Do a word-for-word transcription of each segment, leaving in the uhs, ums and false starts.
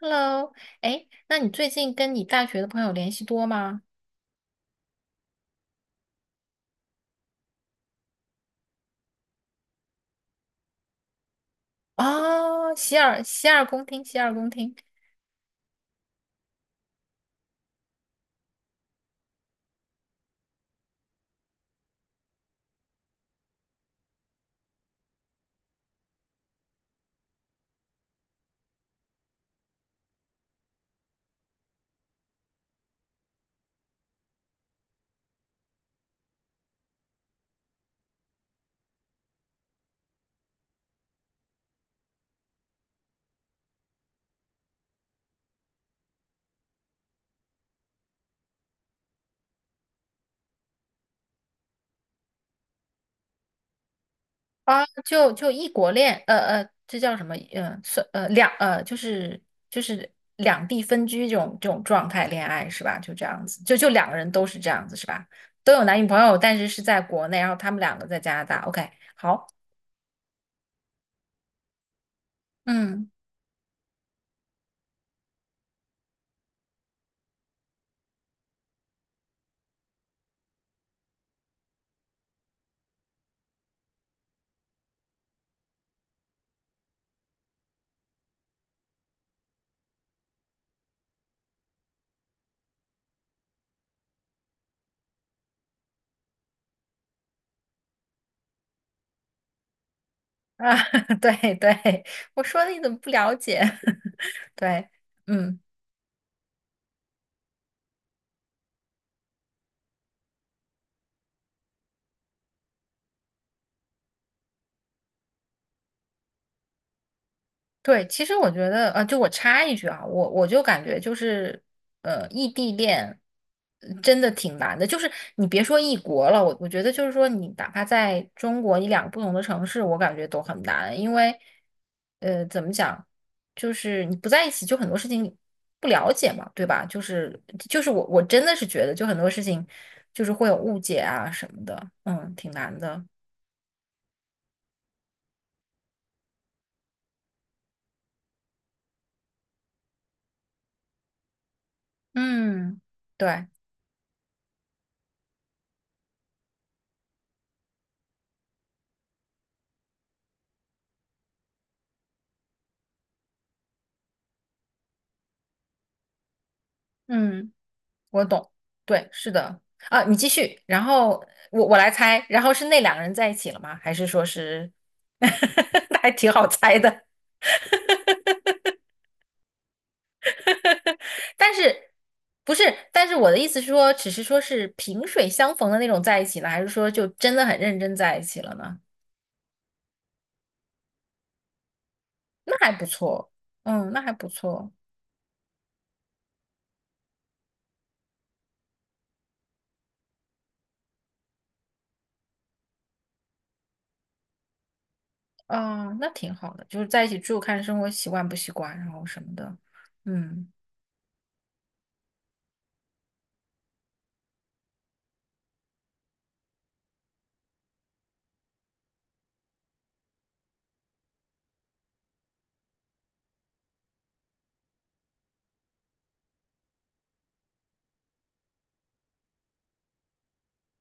Hello，哎，那你最近跟你大学的朋友联系多吗？哦，洗耳洗耳恭听，洗耳恭听啊，就就异国恋，呃呃，这叫什么？呃，算呃两呃，就是就是两地分居这种这种状态恋爱是吧？就这样子，就就两个人都是这样子是吧？都有男女朋友，但是是在国内，然后他们两个在加拿大。OK，好，嗯啊，对对，我说的你怎么不了解？对，嗯。对，其实我觉得，呃，就我插一句啊，我我就感觉就是，呃，异地恋呃真的挺难的。就是你别说异国了，我我觉得就是说，你哪怕在中国一两个不同的城市，我感觉都很难，因为，呃，怎么讲，就是你不在一起，就很多事情你不了解嘛，对吧？就是就是我我真的是觉得，就很多事情就是会有误解啊什么的，嗯，挺难的，嗯，对，嗯。我懂，对，是的啊，你继续，然后我我来猜，然后是那两个人在一起了吗？还是说是，那还挺好猜的，但是不是？但是我的意思是说，只是说是萍水相逢的那种在一起了，还是说就真的很认真在一起了呢？那还不错，嗯，那还不错，啊，那挺好的，就是在一起住，看生活习惯不习惯，然后什么的，嗯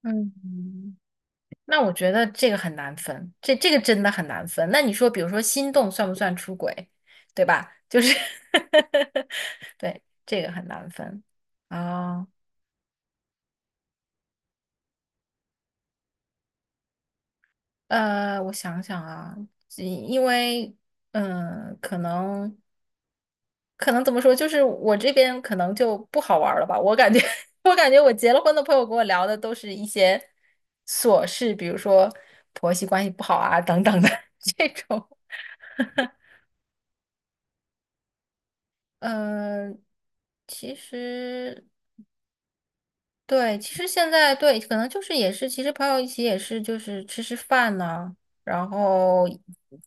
嗯。那我觉得这个很难分，这这个真的很难分。那你说，比如说心动算不算出轨，对吧？就是 对，这个很难分啊。呃，我想想啊，因因为嗯、呃可能可能怎么说，就是我这边可能就不好玩儿了吧。我感觉 我感觉我结了婚的朋友跟我聊的都是一些琐事，比如说婆媳关系不好啊等等的 这种。嗯，其实对，其实现在对，可能就是也是，其实朋友一起也是，就是吃吃饭呢、然后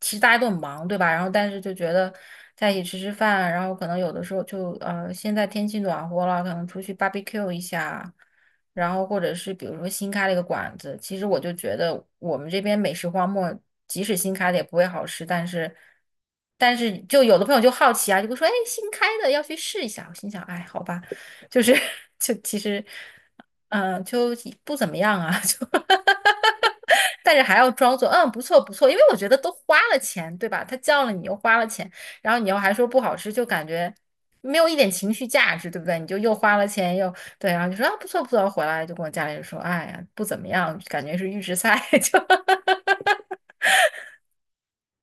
其实大家都很忙，对吧？然后但是就觉得在一起吃吃饭，然后可能有的时候就呃，现在天气暖和了，可能出去 barbecue 一下，然后或者是比如说新开了一个馆子，其实我就觉得我们这边美食荒漠，即使新开的也不会好吃，但是但是就有的朋友就好奇啊，就会说，哎，新开的要去试一下。我心想，哎，好吧。就是 就其实，嗯、就不怎么样啊，就但是还要装作嗯不错不错，因为我觉得都花了钱，对吧？他叫了你又花了钱，然后你又还说不好吃，就感觉没有一点情绪价值，对不对？你就又花了钱又对，然后就说啊不错不错，回来就跟我家里人说，哎呀不怎么样，感觉是预制菜，就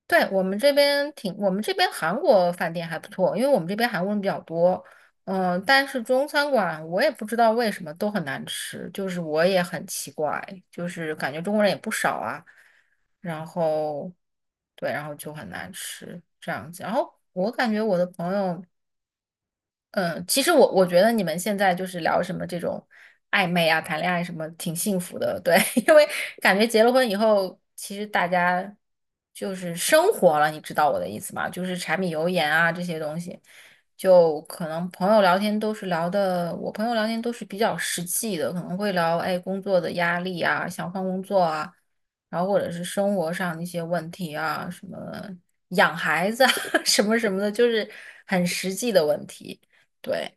对，我们这边挺，我们这边韩国饭店还不错，因为我们这边韩国人比较多。嗯，但是中餐馆我也不知道为什么都很难吃，就是我也很奇怪，就是感觉中国人也不少啊，然后对，然后就很难吃这样子。然后我感觉我的朋友。嗯，其实我我觉得你们现在就是聊什么这种暧昧啊、谈恋爱什么，挺幸福的，对，因为感觉结了婚以后，其实大家就是生活了，你知道我的意思吗？就是柴米油盐啊这些东西，就可能朋友聊天都是聊的，我朋友聊天都是比较实际的，可能会聊哎工作的压力啊，想换工作啊，然后或者是生活上的一些问题啊，什么养孩子啊，什么什么的，就是很实际的问题。对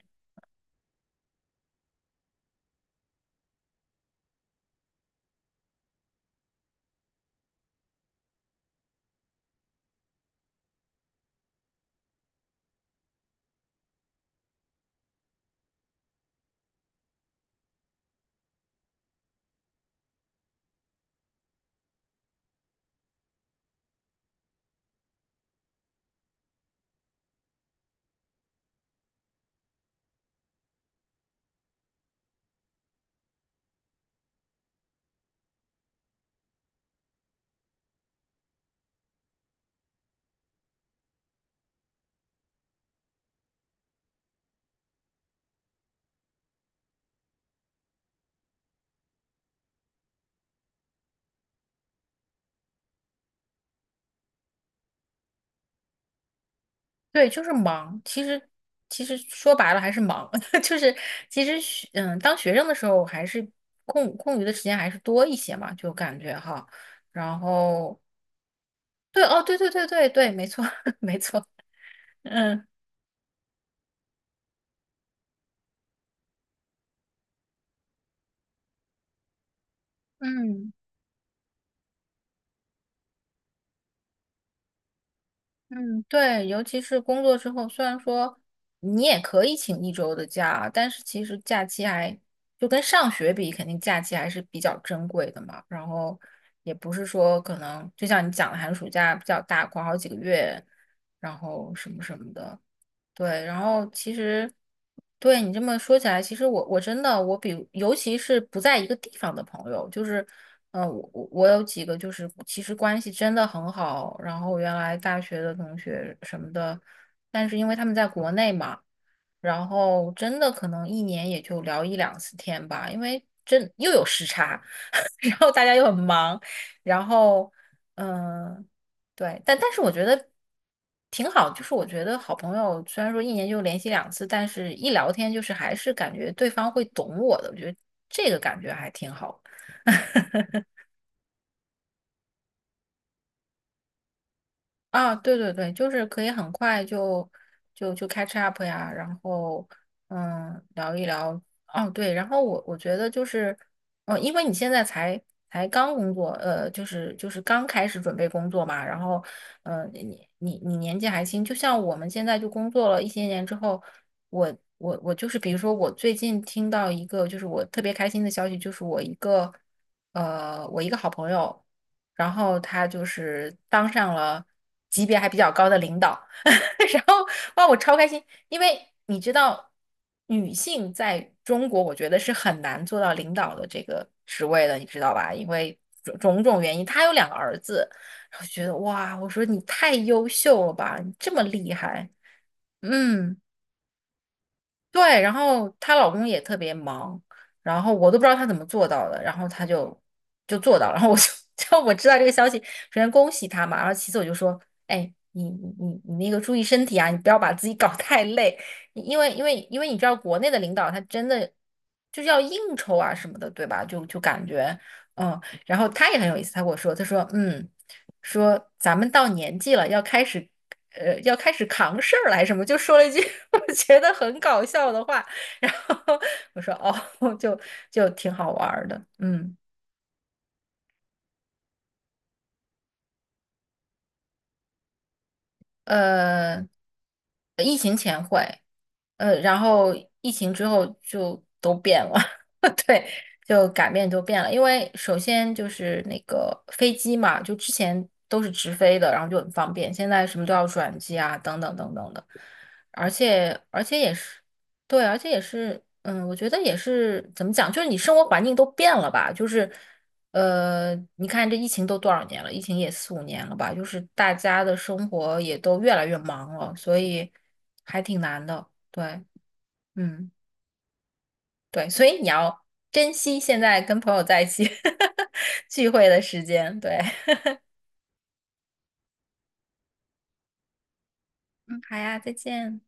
对，就是忙。其实其实说白了还是忙，就是其实学嗯，当学生的时候还是空空余的时间还是多一些嘛，就感觉哈。然后对哦，对对对对对，没错 没错，嗯嗯。嗯，对，尤其是工作之后，虽然说你也可以请一周的假，但是其实假期还就跟上学比，肯定假期还是比较珍贵的嘛。然后也不是说可能就像你讲的寒暑假比较大，管好几个月，然后什么什么的。对，然后其实对你这么说起来，其实我我真的我比尤其是不在一个地方的朋友，就是嗯、呃我我我有几个就是其实关系真的很好，然后原来大学的同学什么的，但是因为他们在国内嘛，然后真的可能一年也就聊一两次天吧，因为真又有时差，然后大家又很忙，然后。嗯，对，但但是我觉得挺好，就是我觉得好朋友虽然说一年就联系两次，但是一聊天就是还是感觉对方会懂我的，我觉得这个感觉还挺好的啊，对对对，就是可以很快就就就 catch up 呀，然后嗯聊一聊。哦，对，然后我我觉得就是，呃，因为你现在才才刚工作，呃，就是就是刚开始准备工作嘛，然后呃你你你年纪还轻，就像我们现在就工作了一些年之后，我我我就是比如说我最近听到一个就是我特别开心的消息，就是我一个呃我一个好朋友。然后他就是当上了级别还比较高的领导，然后哇，我超开心，因为你知道，女性在中国我觉得是很难做到领导的这个职位的，你知道吧？因为种种种原因，他有两个儿子，然后觉得哇，我说你太优秀了吧，你这么厉害，嗯。对，然后她老公也特别忙，然后我都不知道她怎么做到的，然后她就就做到了，然后我就 就我知道这个消息，首先恭喜她嘛，然后其次我就说，哎，你你你你那个注意身体啊，你不要把自己搞 太累，你因为因为因为你知道国内的领导他真的就是要应酬啊什么的，对吧？就就感觉嗯，然后他也很有意思，他跟我说，他说嗯，说咱们到年纪了，要开始。呃，要开始扛事儿来什么，就说了一句 我觉得很搞笑的话，然后我说哦，就就挺好玩儿的，嗯，呃，一。呃，然后疫情之后就都变了，对，就改变都变了。因为首先就是那个飞机嘛，就之前都是直飞的，然后就很方便，现在什么都要转机啊，等等等等的。而且而且也是，对，而且也是，嗯，我觉得也是怎么讲，就是你生活环境都变了吧，就是。呃，你看这疫情都多少年了？疫情也四五年了吧？就是大家的生活也都越来越忙了，所以还挺难的。对，嗯，对，所以你要珍惜现在跟朋友在一起 聚会的时间。对，嗯，好呀，再见。